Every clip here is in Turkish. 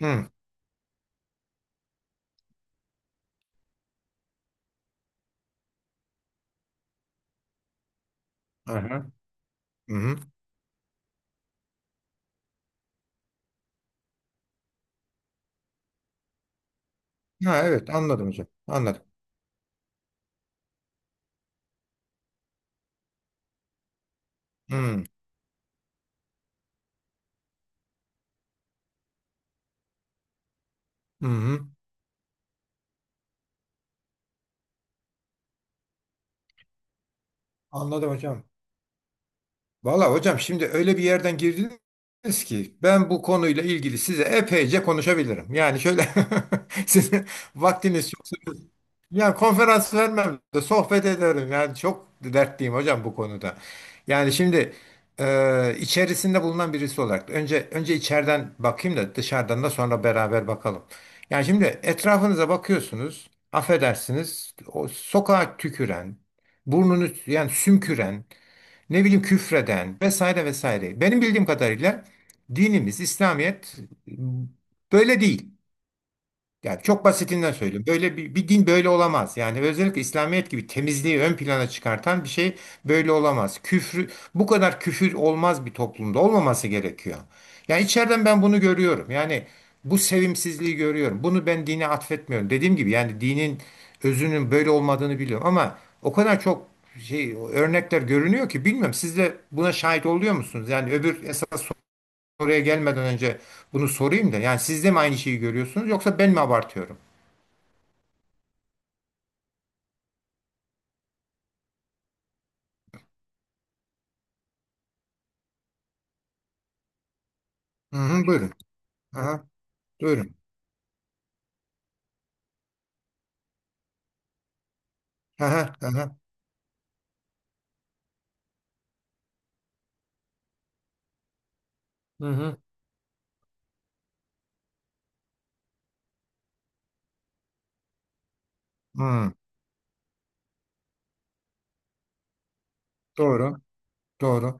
Hı. Aha. Hı hı. Ha evet anladım hocam. Anladım. Hı. Hı hı. Anladım hocam. Valla hocam şimdi öyle bir yerden girdiniz ki ben bu konuyla ilgili size epeyce konuşabilirim. Yani şöyle sizin vaktiniz. Ya konferans vermem de sohbet ederim. Yani çok dertliyim hocam bu konuda. Yani şimdi içerisinde bulunan birisi olarak önce içeriden bakayım da dışarıdan da sonra beraber bakalım. Yani şimdi etrafınıza bakıyorsunuz. Affedersiniz. O sokağa tüküren, burnunu yani sümküren, ne bileyim küfreden vesaire vesaire. Benim bildiğim kadarıyla dinimiz İslamiyet böyle değil. Yani çok basitinden söylüyorum. Böyle bir din böyle olamaz. Yani özellikle İslamiyet gibi temizliği ön plana çıkartan bir şey böyle olamaz. Küfrü, bu kadar küfür olmaz, bir toplumda olmaması gerekiyor. Yani içeriden ben bunu görüyorum. Yani bu sevimsizliği görüyorum. Bunu ben dine atfetmiyorum. Dediğim gibi yani dinin özünün böyle olmadığını biliyorum ama o kadar çok örnekler görünüyor ki bilmiyorum. Siz de buna şahit oluyor musunuz? Yani öbür esas oraya gelmeden önce bunu sorayım da. Yani siz de mi aynı şeyi görüyorsunuz yoksa ben mi abartıyorum? Hı hı, buyurun. Aha, buyurun. Aha, aha. Hı hı. Hı, doğru, doğru.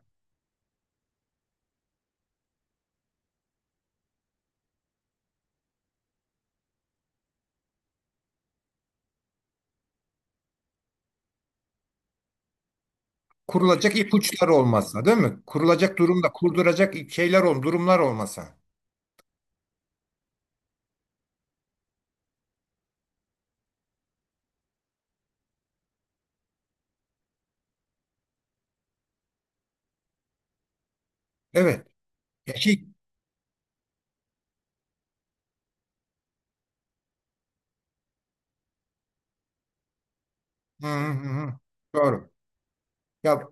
Kurulacak ipuçları olmasa, değil mi? Kurulacak durumda kurduracak şeyler durumlar olmasa. Evet. Ya hı hı, hı hı. Doğru. Ya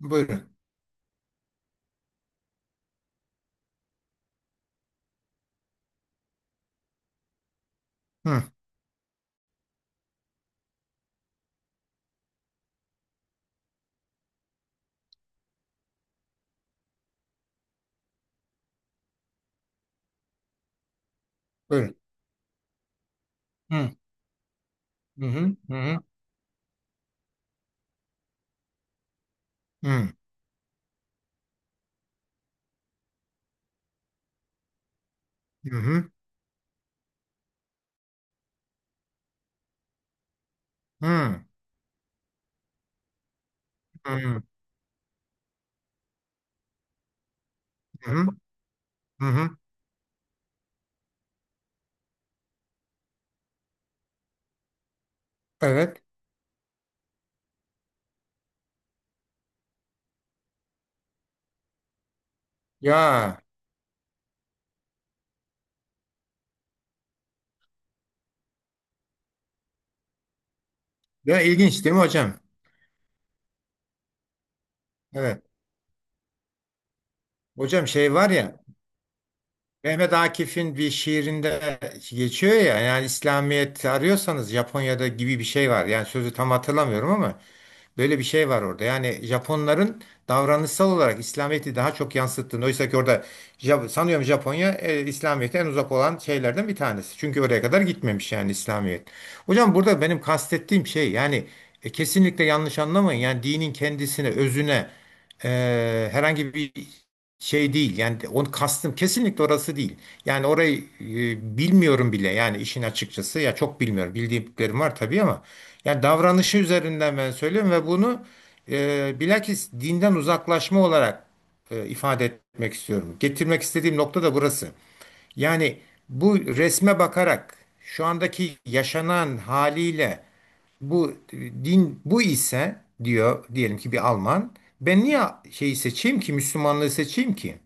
buyurun. Hı, buyurun. Hı hı hı hı hı hı hı hı hı hı hı. Evet. Ya, ya, ilginç değil mi hocam? Evet. Hocam şey var ya, Mehmet Akif'in bir şiirinde geçiyor ya, yani İslamiyet arıyorsanız Japonya'da gibi bir şey var. Yani sözü tam hatırlamıyorum ama böyle bir şey var orada. Yani Japonların davranışsal olarak İslamiyet'i daha çok yansıttığını. Oysa ki orada sanıyorum Japonya İslamiyet'e en uzak olan şeylerden bir tanesi. Çünkü oraya kadar gitmemiş yani İslamiyet. Hocam burada benim kastettiğim şey yani kesinlikle yanlış anlamayın. Yani dinin kendisine, özüne herhangi bir şey değil. Yani onu kastım kesinlikle orası değil. Yani orayı bilmiyorum bile. Yani işin açıkçası ya çok bilmiyorum. Bildiğim var tabii ama yani davranışı üzerinden ben söylüyorum ve bunu bilakis dinden uzaklaşma olarak ifade etmek istiyorum. Getirmek istediğim nokta da burası. Yani bu resme bakarak şu andaki yaşanan haliyle bu din bu ise, diyor diyelim ki bir Alman, ben niye şeyi seçeyim ki Müslümanlığı seçeyim ki?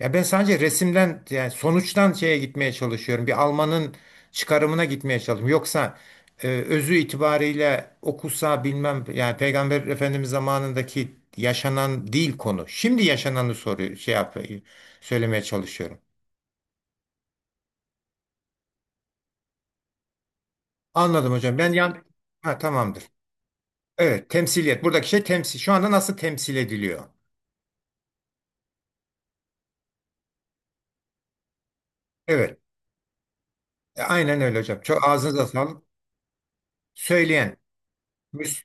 Ya ben sadece resimden yani sonuçtan şeye gitmeye çalışıyorum. Bir Alman'ın çıkarımına gitmeye çalışıyorum. Yoksa özü itibariyle okusa bilmem, yani Peygamber Efendimiz zamanındaki yaşanan değil konu. Şimdi yaşananı soruyor, şey yap söylemeye çalışıyorum. Anladım hocam. Ben yan... Ha, tamamdır. Evet, temsiliyet. Buradaki şey temsil. Şu anda nasıl temsil ediliyor? Evet. Aynen öyle hocam. Çok ağzınıza sağlık. Söyleyen. Müs-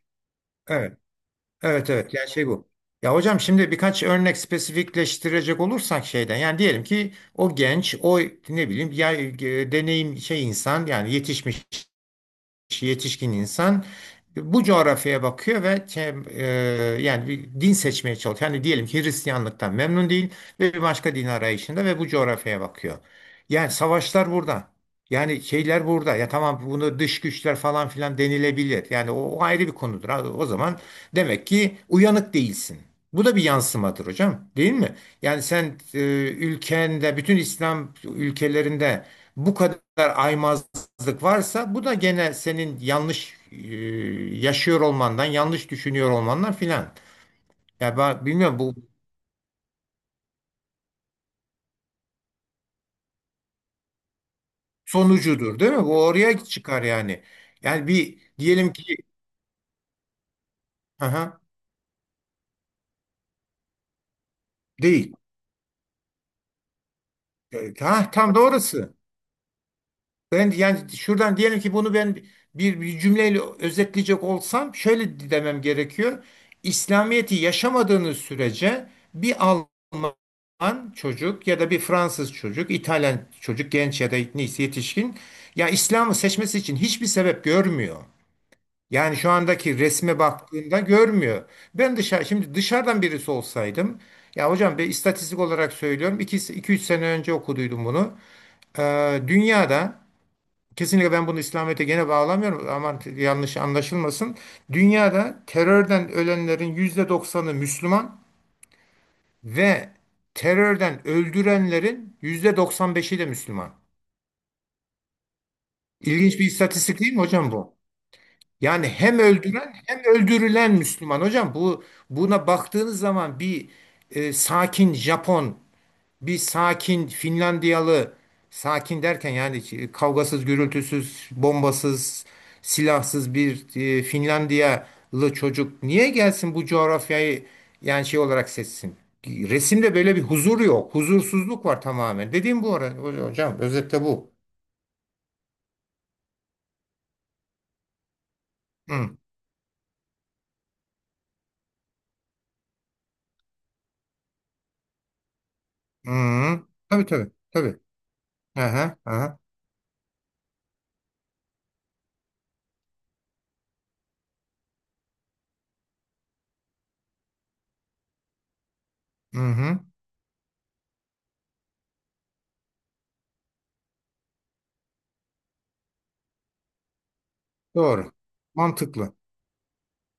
Evet. Evet evet. Yani şey bu. Ya hocam şimdi birkaç örnek spesifikleştirecek olursak şeyden, yani diyelim ki o genç, o ne bileyim ya, deneyim insan, yani yetişmiş yetişkin insan bu coğrafyaya bakıyor ve yani bir din seçmeye çalışıyor. Yani diyelim ki Hristiyanlıktan memnun değil ve bir başka din arayışında ve bu coğrafyaya bakıyor. Yani savaşlar burada. Yani şeyler burada. Ya tamam, bunu dış güçler falan filan denilebilir. Yani o ayrı bir konudur. Ha, o zaman demek ki uyanık değilsin. Bu da bir yansımadır hocam, değil mi? Yani sen ülkende, bütün İslam ülkelerinde bu kadar aymaz zık varsa bu da gene senin yanlış yaşıyor olmandan, yanlış düşünüyor olmandan filan. Ya ben bilmiyorum, bu sonucudur değil mi? Bu oraya çıkar yani. Yani bir diyelim ki, aha, değil. Ha, tam doğrusu. Ben yani şuradan diyelim ki, bunu ben bir cümleyle özetleyecek olsam şöyle demem gerekiyor. İslamiyet'i yaşamadığınız sürece bir Alman çocuk ya da bir Fransız çocuk, İtalyan çocuk, genç ya da neyse yetişkin, ya İslam'ı seçmesi için hiçbir sebep görmüyor. Yani şu andaki resme baktığında görmüyor. Ben şimdi dışarıdan birisi olsaydım. Ya hocam, bir istatistik olarak söylüyorum, 2-3 sene önce okuduydum bunu. Ee, dünyada Kesinlikle ben bunu İslamiyet'e gene bağlamıyorum, ama yanlış anlaşılmasın. Dünyada terörden ölenlerin %90'ı Müslüman ve terörden öldürenlerin %95'i de Müslüman. İlginç bir istatistik değil mi hocam bu? Yani hem öldüren hem öldürülen Müslüman. Hocam buna baktığınız zaman bir sakin Japon, bir sakin Finlandiyalı, sakin derken yani kavgasız, gürültüsüz, bombasız, silahsız bir Finlandiyalı çocuk niye gelsin bu coğrafyayı, yani şey olarak seçsin? Resimde böyle bir huzur yok. Huzursuzluk var tamamen. Dediğim bu ara hocam, özette bu. Hı. Hı. Tabii tabii. Tabii. Aha, aha. Hı hı. Doğru. Mantıklı.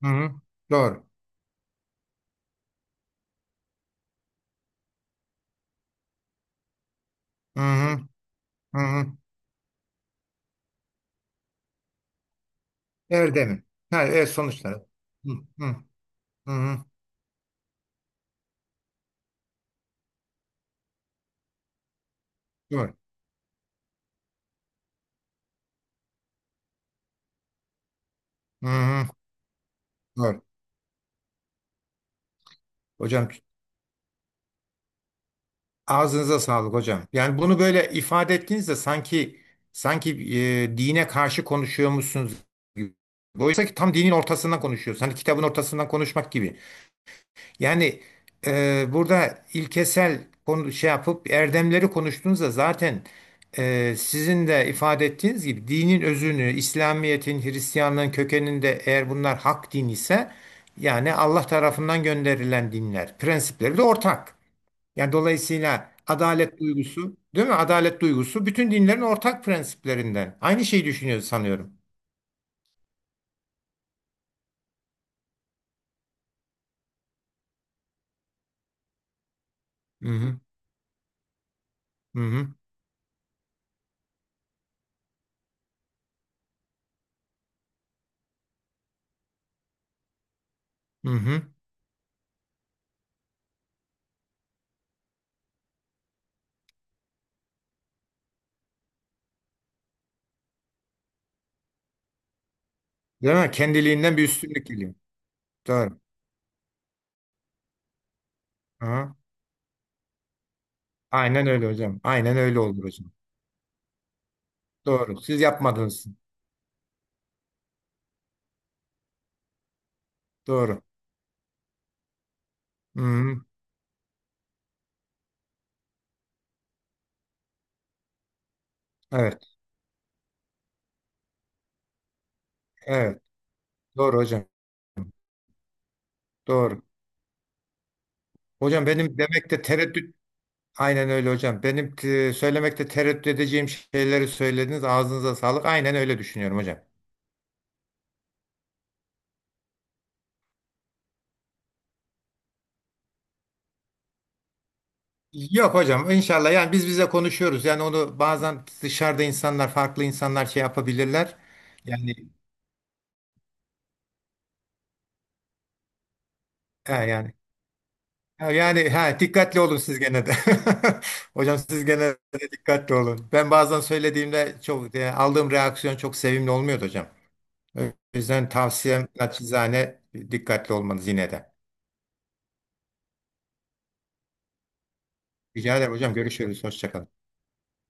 Hı hı. Doğru. Hı hı. Hı hı. Erdem'in. Ha, evet, sonuçları. Hı hı. Hı hı, doğru. Hı hı, doğru. Hocam ağzınıza sağlık hocam. Yani bunu böyle ifade ettiğinizde sanki, sanki dine karşı konuşuyormuşsunuz gibi. Oysa ki tam dinin ortasından konuşuyoruz. Hani kitabın ortasından konuşmak gibi. Yani burada ilkesel konu, şey yapıp erdemleri konuştuğunuzda zaten sizin de ifade ettiğiniz gibi dinin özünü, İslamiyet'in, Hristiyanlığın kökeninde, eğer bunlar hak din ise yani Allah tarafından gönderilen dinler, prensipleri de ortak. Yani dolayısıyla adalet duygusu, değil mi? Adalet duygusu bütün dinlerin ortak prensiplerinden. Aynı şeyi düşünüyoruz sanıyorum. Hı hı. Hı hı. Hı hı. Değil mi? Kendiliğinden bir üstünlük geliyor. Doğru. Hı hı. Aynen öyle hocam. Aynen öyle olur hocam. Doğru. Siz yapmadınız. Doğru. Hı, evet. Evet. Doğru hocam. Doğru. Hocam benim demekte tereddüt. Aynen öyle hocam. Benim söylemekte tereddüt edeceğim şeyleri söylediniz. Ağzınıza sağlık. Aynen öyle düşünüyorum hocam. Yok hocam, inşallah yani biz bize konuşuyoruz. Yani onu bazen dışarıda farklı insanlar şey yapabilirler. Yani e, yani Ha, Yani ha, dikkatli olun siz gene de. Hocam siz gene de dikkatli olun. Ben bazen söylediğimde, çok yani aldığım reaksiyon çok sevimli olmuyordu hocam. O yüzden tavsiyem naçizane dikkatli olmanız yine de. Rica ederim hocam. Görüşürüz. Hoşça kalın.